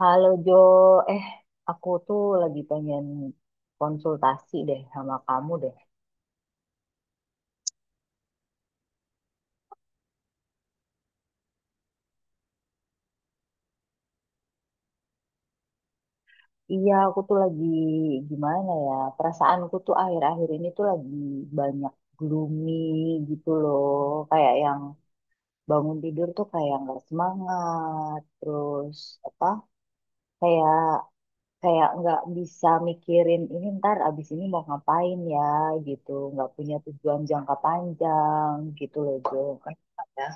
Halo Jo, eh aku tuh lagi pengen konsultasi deh sama kamu deh. Iya, aku tuh lagi gimana ya, perasaanku tuh akhir-akhir ini tuh lagi banyak gloomy gitu loh. Kayak yang bangun tidur tuh kayak nggak semangat, terus apa, kayak kayak nggak bisa mikirin ini ntar abis ini mau ngapain ya gitu, nggak punya tujuan jangka panjang gitu loh Jo. Kenapa ya?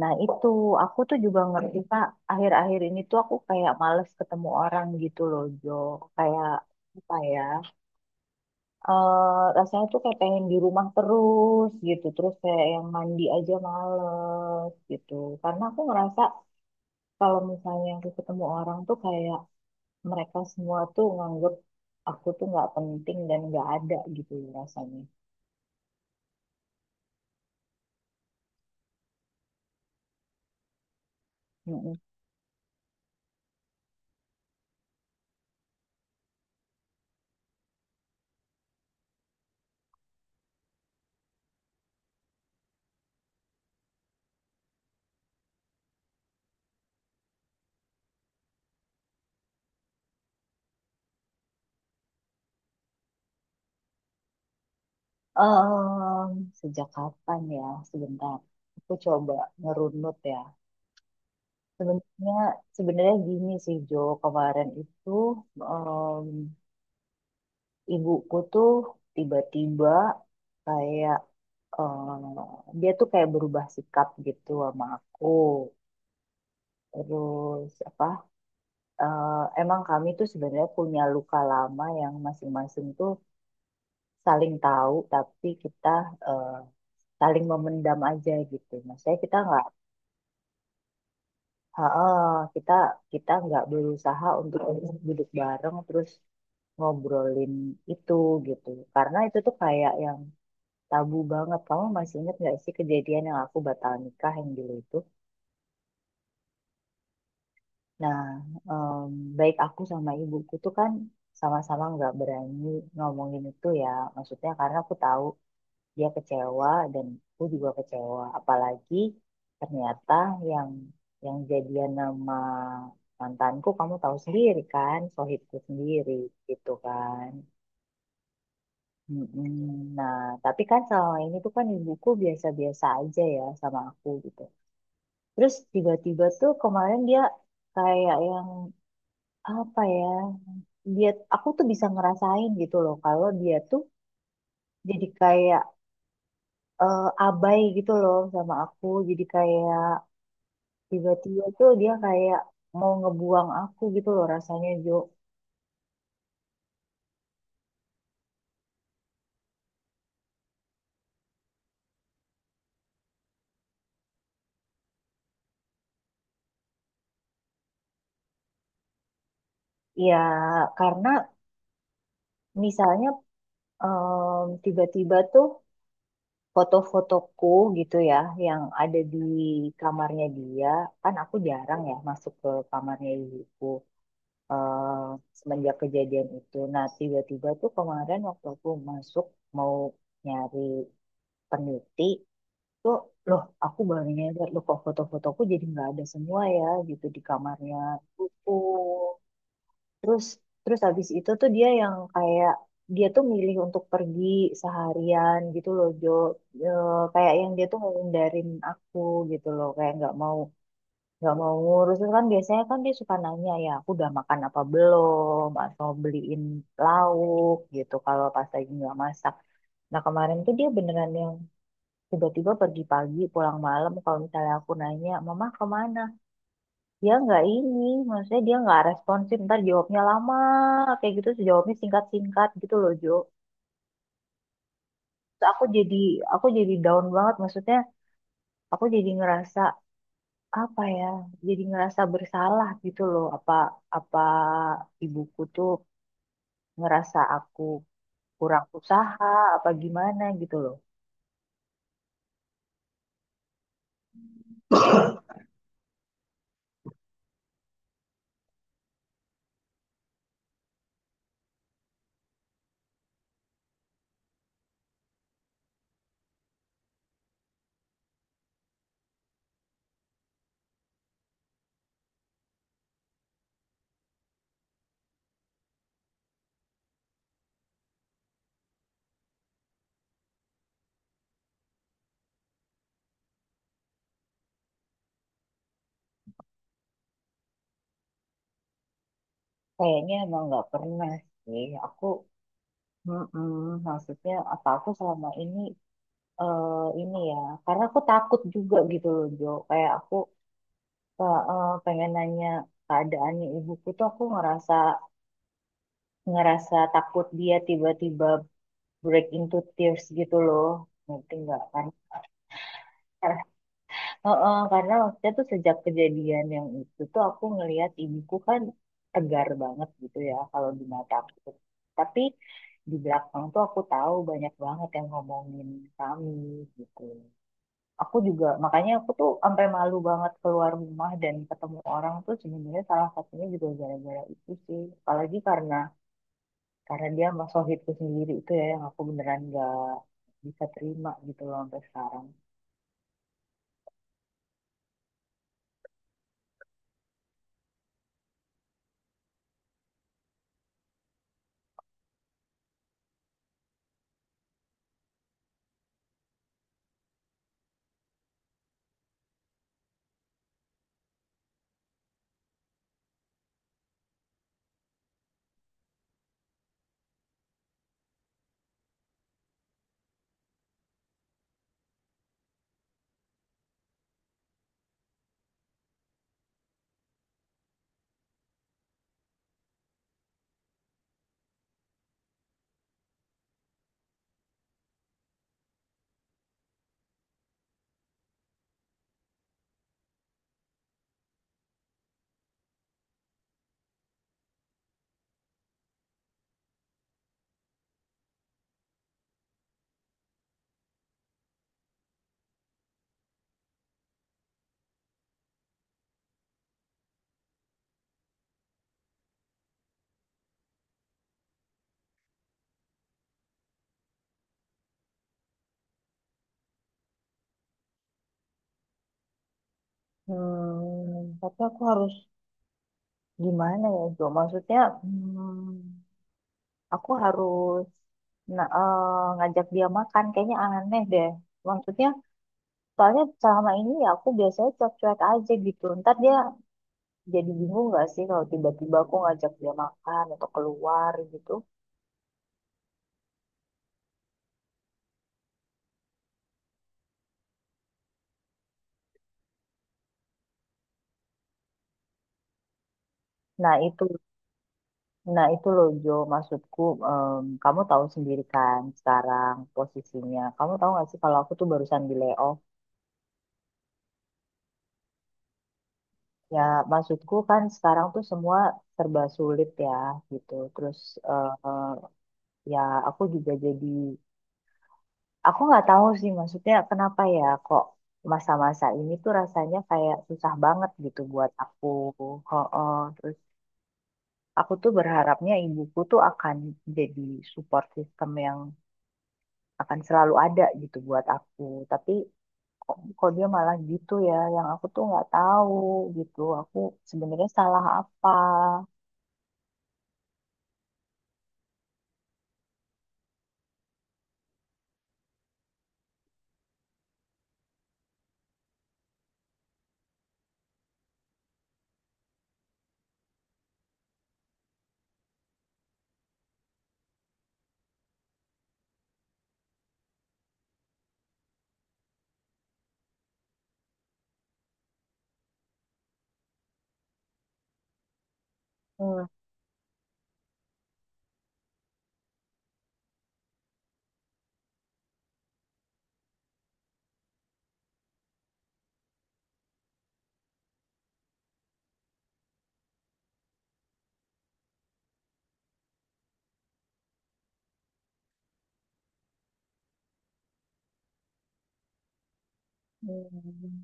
Nah, itu aku tuh juga ngerti, Pak. Akhir-akhir ini tuh aku kayak males ketemu orang gitu loh, Jo. Kayak apa ya? Rasanya tuh kayak pengen di rumah terus gitu. Terus kayak yang mandi aja males gitu. Karena aku ngerasa kalau misalnya aku ketemu orang tuh kayak mereka semua tuh nganggep aku tuh nggak penting dan nggak ada gitu loh rasanya. Mm-mm. Em, Sejak kapan ya? Sebentar. Aku coba ngerunut ya. Sebenarnya sebenarnya gini sih Jo, kemarin itu em, ibuku tuh tiba-tiba kayak dia tuh kayak berubah sikap gitu sama aku. Terus apa? eh, Emang kami tuh sebenarnya punya luka lama yang masing-masing tuh saling tahu, tapi kita eh, saling memendam aja gitu. Maksudnya kita nggak. Heeh, kita kita nggak berusaha untuk duduk bareng terus ngobrolin itu gitu. Karena itu tuh kayak yang tabu banget. Kamu masih ingat nggak sih kejadian yang aku batal nikah yang dulu itu? Nah, baik aku sama ibuku tuh kan sama-sama nggak berani ngomongin itu ya. Maksudnya karena aku tahu dia kecewa dan aku juga kecewa apalagi ternyata yang yang jadian nama mantanku kamu tahu sendiri kan sohibku sendiri gitu kan. Mm-mm. Nah, tapi kan selama ini tuh kan ibuku biasa-biasa aja ya sama aku gitu. Terus tiba-tiba tuh kemarin dia kayak yang apa ya? Dia, aku tuh bisa ngerasain gitu loh kalau dia tuh jadi kayak abai gitu loh sama aku. Jadi kayak tiba-tiba tuh dia kayak mau ngebuang aku gitu loh rasanya Jo. Ya karena misalnya tiba-tiba tuh foto-fotoku gitu ya yang ada di kamarnya dia, kan aku jarang ya masuk ke kamarnya ibuku semenjak kejadian itu. Nah tiba-tiba tuh kemarin waktu aku masuk mau nyari peneliti tuh loh aku baru nyadar loh kok foto-fotoku jadi nggak ada semua ya gitu di kamarnya ibuku. Terus terus habis itu tuh dia yang kayak dia tuh milih untuk pergi seharian gitu loh Jo. Eh, kayak yang dia tuh ngehindarin aku gitu loh kayak nggak mau, nggak mau ngurus. Terus kan biasanya kan dia suka nanya ya aku udah makan apa belum atau beliin lauk gitu kalau pas lagi nggak masak, nah kemarin tuh dia beneran yang tiba-tiba pergi pagi pulang malam kalau misalnya aku nanya mama kemana dia nggak ini, maksudnya dia nggak responsif ntar jawabnya lama kayak gitu terus jawabnya singkat-singkat gitu loh Jo. Terus aku jadi, aku jadi down banget maksudnya aku jadi ngerasa apa ya, jadi ngerasa bersalah gitu loh, apa, apa ibuku tuh ngerasa aku kurang usaha apa gimana gitu loh. Kayaknya emang nggak pernah sih aku, mm maksudnya apa aku selama ini ini ya, karena aku takut juga gitu loh Jo. Kayak aku pengen nanya keadaannya ibuku tuh aku ngerasa, ngerasa takut dia tiba-tiba break into tears gitu loh. Ngerti nggak kan? Karena, karena waktu itu sejak kejadian yang itu tuh aku ngelihat ibuku kan tegar banget gitu ya kalau di mata aku. Tapi di belakang tuh aku tahu banyak banget yang ngomongin kami gitu. Aku juga, makanya aku tuh sampai malu banget keluar rumah dan ketemu orang tuh sebenarnya salah satunya juga gara-gara itu sih. Apalagi karena dia sama sohibku sendiri itu ya yang aku beneran gak bisa terima gitu loh sampai sekarang. Hmm, tapi aku harus gimana ya Jo? Maksudnya hmm, aku harus, nah, ngajak dia makan kayaknya aneh deh. Maksudnya soalnya selama ini ya aku biasanya cuek-cuek aja gitu. Ntar dia jadi bingung nggak sih kalau tiba-tiba aku ngajak dia makan atau keluar gitu. Nah itu, nah itu loh Jo, maksudku kamu tahu sendiri kan sekarang posisinya. Kamu tahu nggak sih kalau aku tuh barusan di layoff. Ya maksudku kan sekarang tuh semua serba sulit ya gitu. Terus eh, eh, ya aku juga jadi, aku nggak tahu sih maksudnya kenapa ya kok masa-masa ini tuh rasanya kayak susah banget gitu buat aku. Ho-oh. Terus aku tuh berharapnya ibuku tuh akan jadi support system yang akan selalu ada gitu buat aku. Tapi kok dia malah gitu ya, yang aku tuh nggak tahu gitu. Aku sebenarnya salah apa. Hmm. Hmm.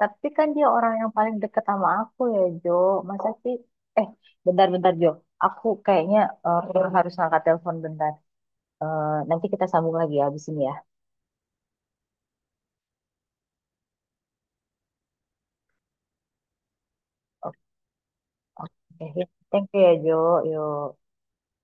Tapi kan dia orang yang paling deket sama aku ya, Jo. Masa sih? Eh, bentar-bentar, Jo. Aku kayaknya eh, harus ngangkat telepon bentar. Eh, Nanti kita sambung lagi ya habis ini ya. Oke. Oke. Thank you ya, Jo. Yuk.